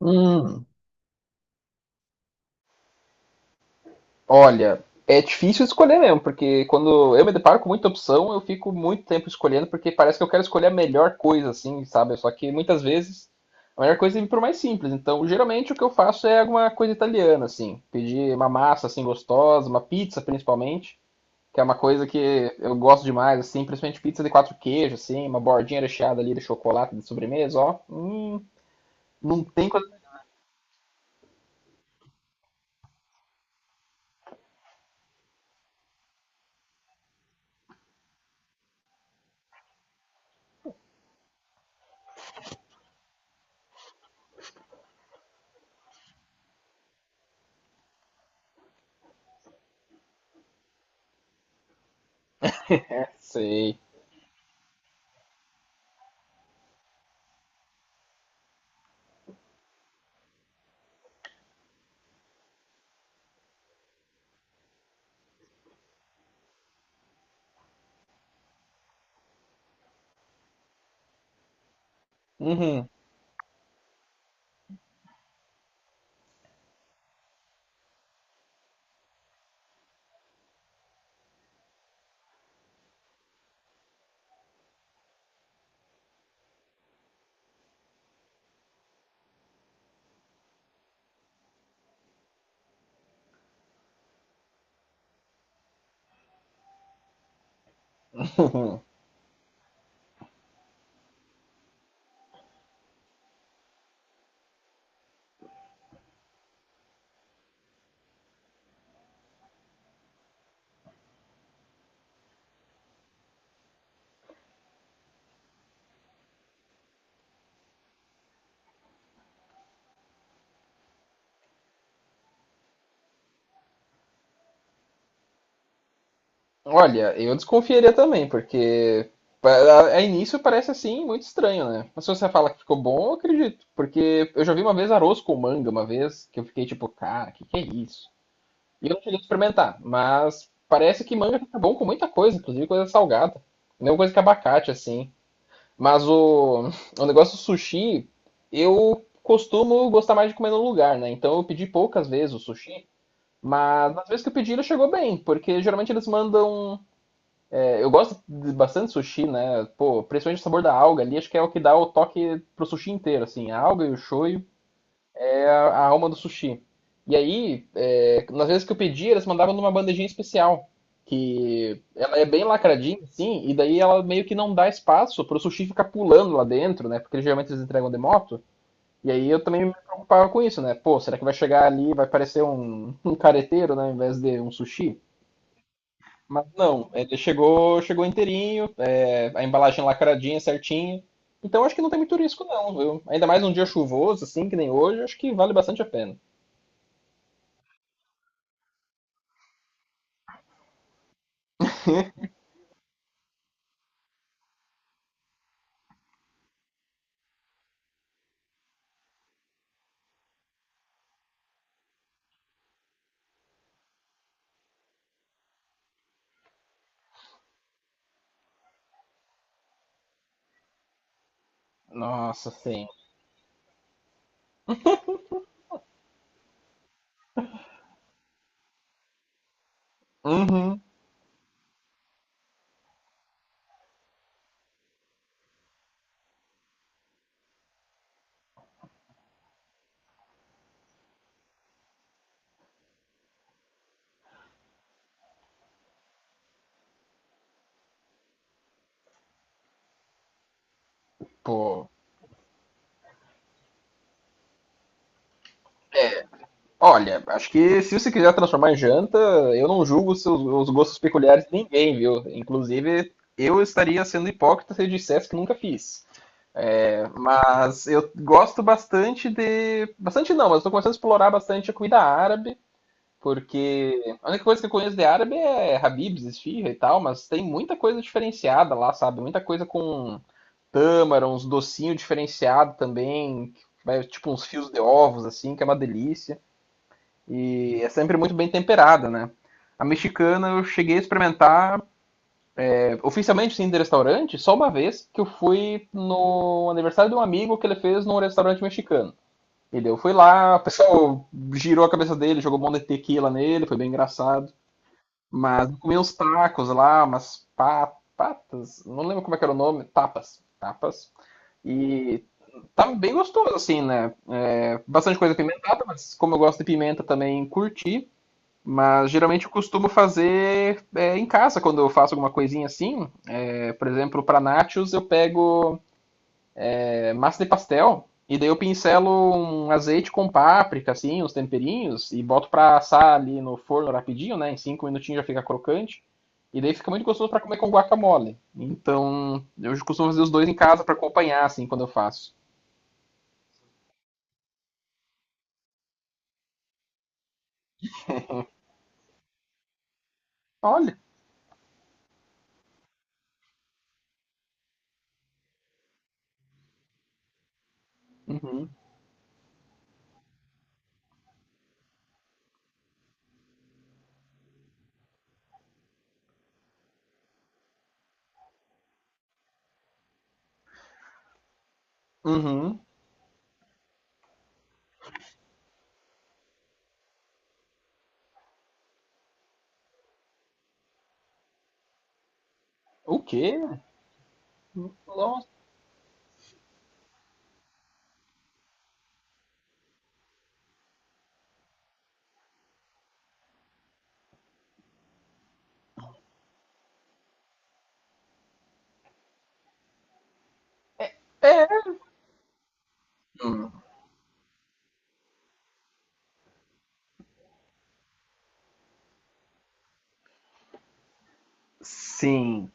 Hum, olha, é difícil escolher mesmo, porque quando eu me deparo com muita opção, eu fico muito tempo escolhendo, porque parece que eu quero escolher a melhor coisa, assim, sabe? Só que muitas vezes a melhor coisa é ir pro mais simples. Então, geralmente o que eu faço é alguma coisa italiana, assim, pedir uma massa assim gostosa, uma pizza principalmente, que é uma coisa que eu gosto demais, assim, principalmente pizza de quatro queijos, assim, uma bordinha recheada ali de chocolate de sobremesa, ó. Não tem coisa. Sei. Uhum. Olha, eu desconfiaria também, porque a início parece assim muito estranho, né? Mas se você fala que ficou bom, eu acredito. Porque eu já vi uma vez arroz com manga, uma vez, que eu fiquei tipo, cara, que é isso? E eu não cheguei a experimentar, mas parece que manga fica bom com muita coisa, inclusive coisa salgada. Mesma coisa que abacate, assim. Mas o negócio do sushi, eu costumo gostar mais de comer no lugar, né? Então eu pedi poucas vezes o sushi, mas nas vezes que eu pedi ele chegou bem, porque geralmente eles mandam. Eu gosto de bastante sushi, né? Pô, principalmente o sabor da alga ali, acho que é o que dá o toque pro sushi inteiro, assim. A alga e o shoyu é a alma do sushi. E aí, nas vezes que eu pedi, eles mandavam numa bandejinha especial, que ela é bem lacradinha, assim, e daí ela meio que não dá espaço pro sushi ficar pulando lá dentro, né? Porque geralmente eles entregam de moto. E aí eu também me preocupava com isso, né? Pô, será que vai chegar ali, vai parecer um careteiro, né? Ao invés de um sushi? Mas não, ele chegou, chegou inteirinho, a embalagem lacradinha, certinha. Então acho que não tem muito risco não, viu? Ainda mais um dia chuvoso, assim, que nem hoje, acho que vale bastante a pena. Nossa, sim. Uhum. Pô. Olha, acho que se você quiser transformar em janta, eu não julgo os gostos peculiares de ninguém, viu? Inclusive, eu estaria sendo hipócrita se eu dissesse que nunca fiz. É, mas eu gosto bastante de. Bastante não, mas estou começando a explorar bastante a comida árabe. Porque a única coisa que eu conheço de árabe é Habib's, esfirra e tal, mas tem muita coisa diferenciada lá, sabe? Muita coisa com tâmara, uns docinhos diferenciados também, que vai, tipo uns fios de ovos, assim, que é uma delícia. E é sempre muito bem temperada, né? A mexicana eu cheguei a experimentar, oficialmente sim, de restaurante, só uma vez que eu fui no aniversário de um amigo que ele fez num restaurante mexicano. E daí eu fui lá, o pessoal girou a cabeça dele, jogou um monte de tequila nele, foi bem engraçado. Mas eu comi uns tacos lá, umas patas, não lembro como é que era o nome, tapas, tapas. E tava bem gostoso, assim, né? É, bastante coisa pimentada, mas como eu gosto de pimenta também, curti. Mas geralmente eu costumo fazer em casa, quando eu faço alguma coisinha assim. É, por exemplo, para nachos eu pego massa de pastel. E daí eu pincelo um azeite com páprica, assim, uns temperinhos, e boto pra assar ali no forno rapidinho, né? Em cinco minutinhos já fica crocante. E daí fica muito gostoso pra comer com guacamole. Então, eu costumo fazer os dois em casa pra acompanhar, assim, quando eu faço. Olha. Uhum. Uhum. O quê? Nossa. Sim.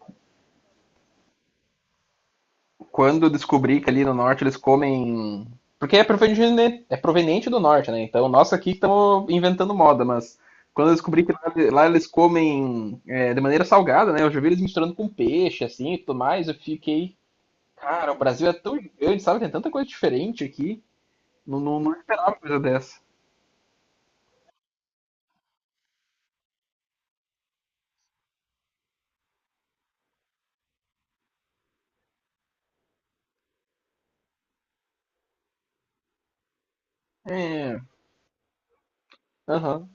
Quando descobri que ali no norte eles comem. Porque é proveniente do norte, né? Então, nós aqui estamos inventando moda, mas quando eu descobri que lá, lá eles comem, de maneira salgada, né? Eu já vi eles misturando com peixe, assim, e tudo mais. Eu fiquei, cara, o Brasil é tão grande, sabe? Tem tanta coisa diferente aqui. Não, não, não esperava coisa dessa. É, aham.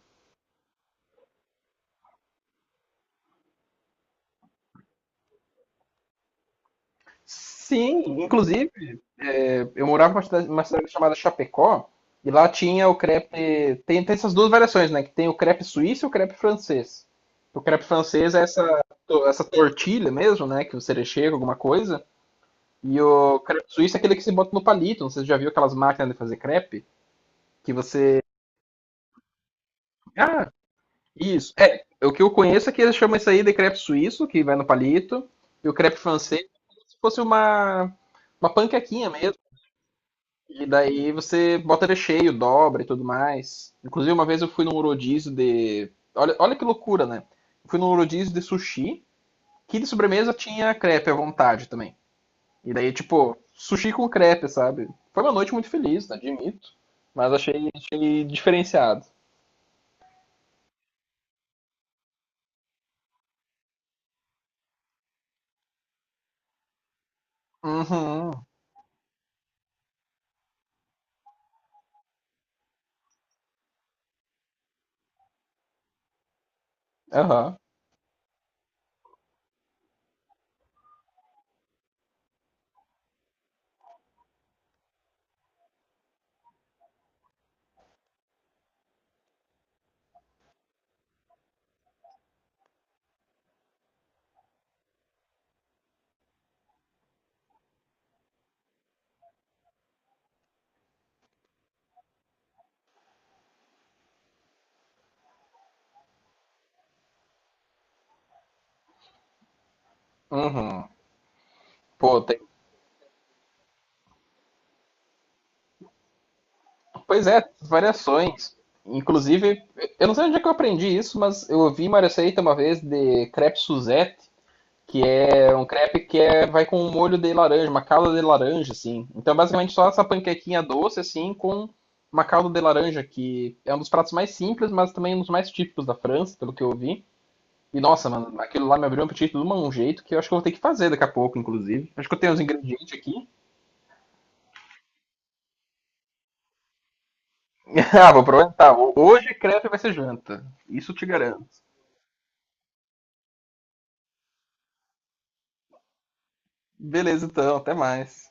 Sim, inclusive, eu morava numa cidade chamada Chapecó, e lá tinha o crepe. Tem, tem essas duas variações, né? Que tem o crepe suíço e o crepe francês. O crepe francês é essa, essa tortilha mesmo, né? Que você recheia com alguma coisa. E o crepe suíço é aquele que se bota no palito. Não sei se você já viu aquelas máquinas de fazer crepe. Que você. Ah, isso. É, o que eu conheço é que eles chamam isso aí de crepe suíço, que vai no palito. E o crepe francês é como se fosse uma panquequinha mesmo. E daí você bota recheio, dobra e tudo mais. Inclusive, uma vez eu fui num rodízio de. Olha, olha que loucura, né? Eu fui num rodízio de sushi, que de sobremesa tinha crepe à vontade também. E daí, tipo, sushi com crepe, sabe? Foi uma noite muito feliz, né? Admito. Mas achei, achei diferenciado. Uhum, aham, uhum. Pô, tem... Pois é, variações. Inclusive, eu não sei onde é que eu aprendi isso, mas eu ouvi uma receita uma vez de crepe Suzette, que é um crepe que vai com um molho de laranja, uma calda de laranja, assim. Então, basicamente, só essa panquequinha doce, assim, com uma calda de laranja, que é um dos pratos mais simples, mas também um dos mais típicos da França, pelo que eu vi. E, nossa, mano, aquilo lá me abriu um apetite de um jeito que eu acho que eu vou ter que fazer daqui a pouco, inclusive. Acho que eu tenho os ingredientes aqui. Ah, vou aproveitar. Hoje crepe vai ser janta. Isso eu te garanto. Beleza, então. Até mais.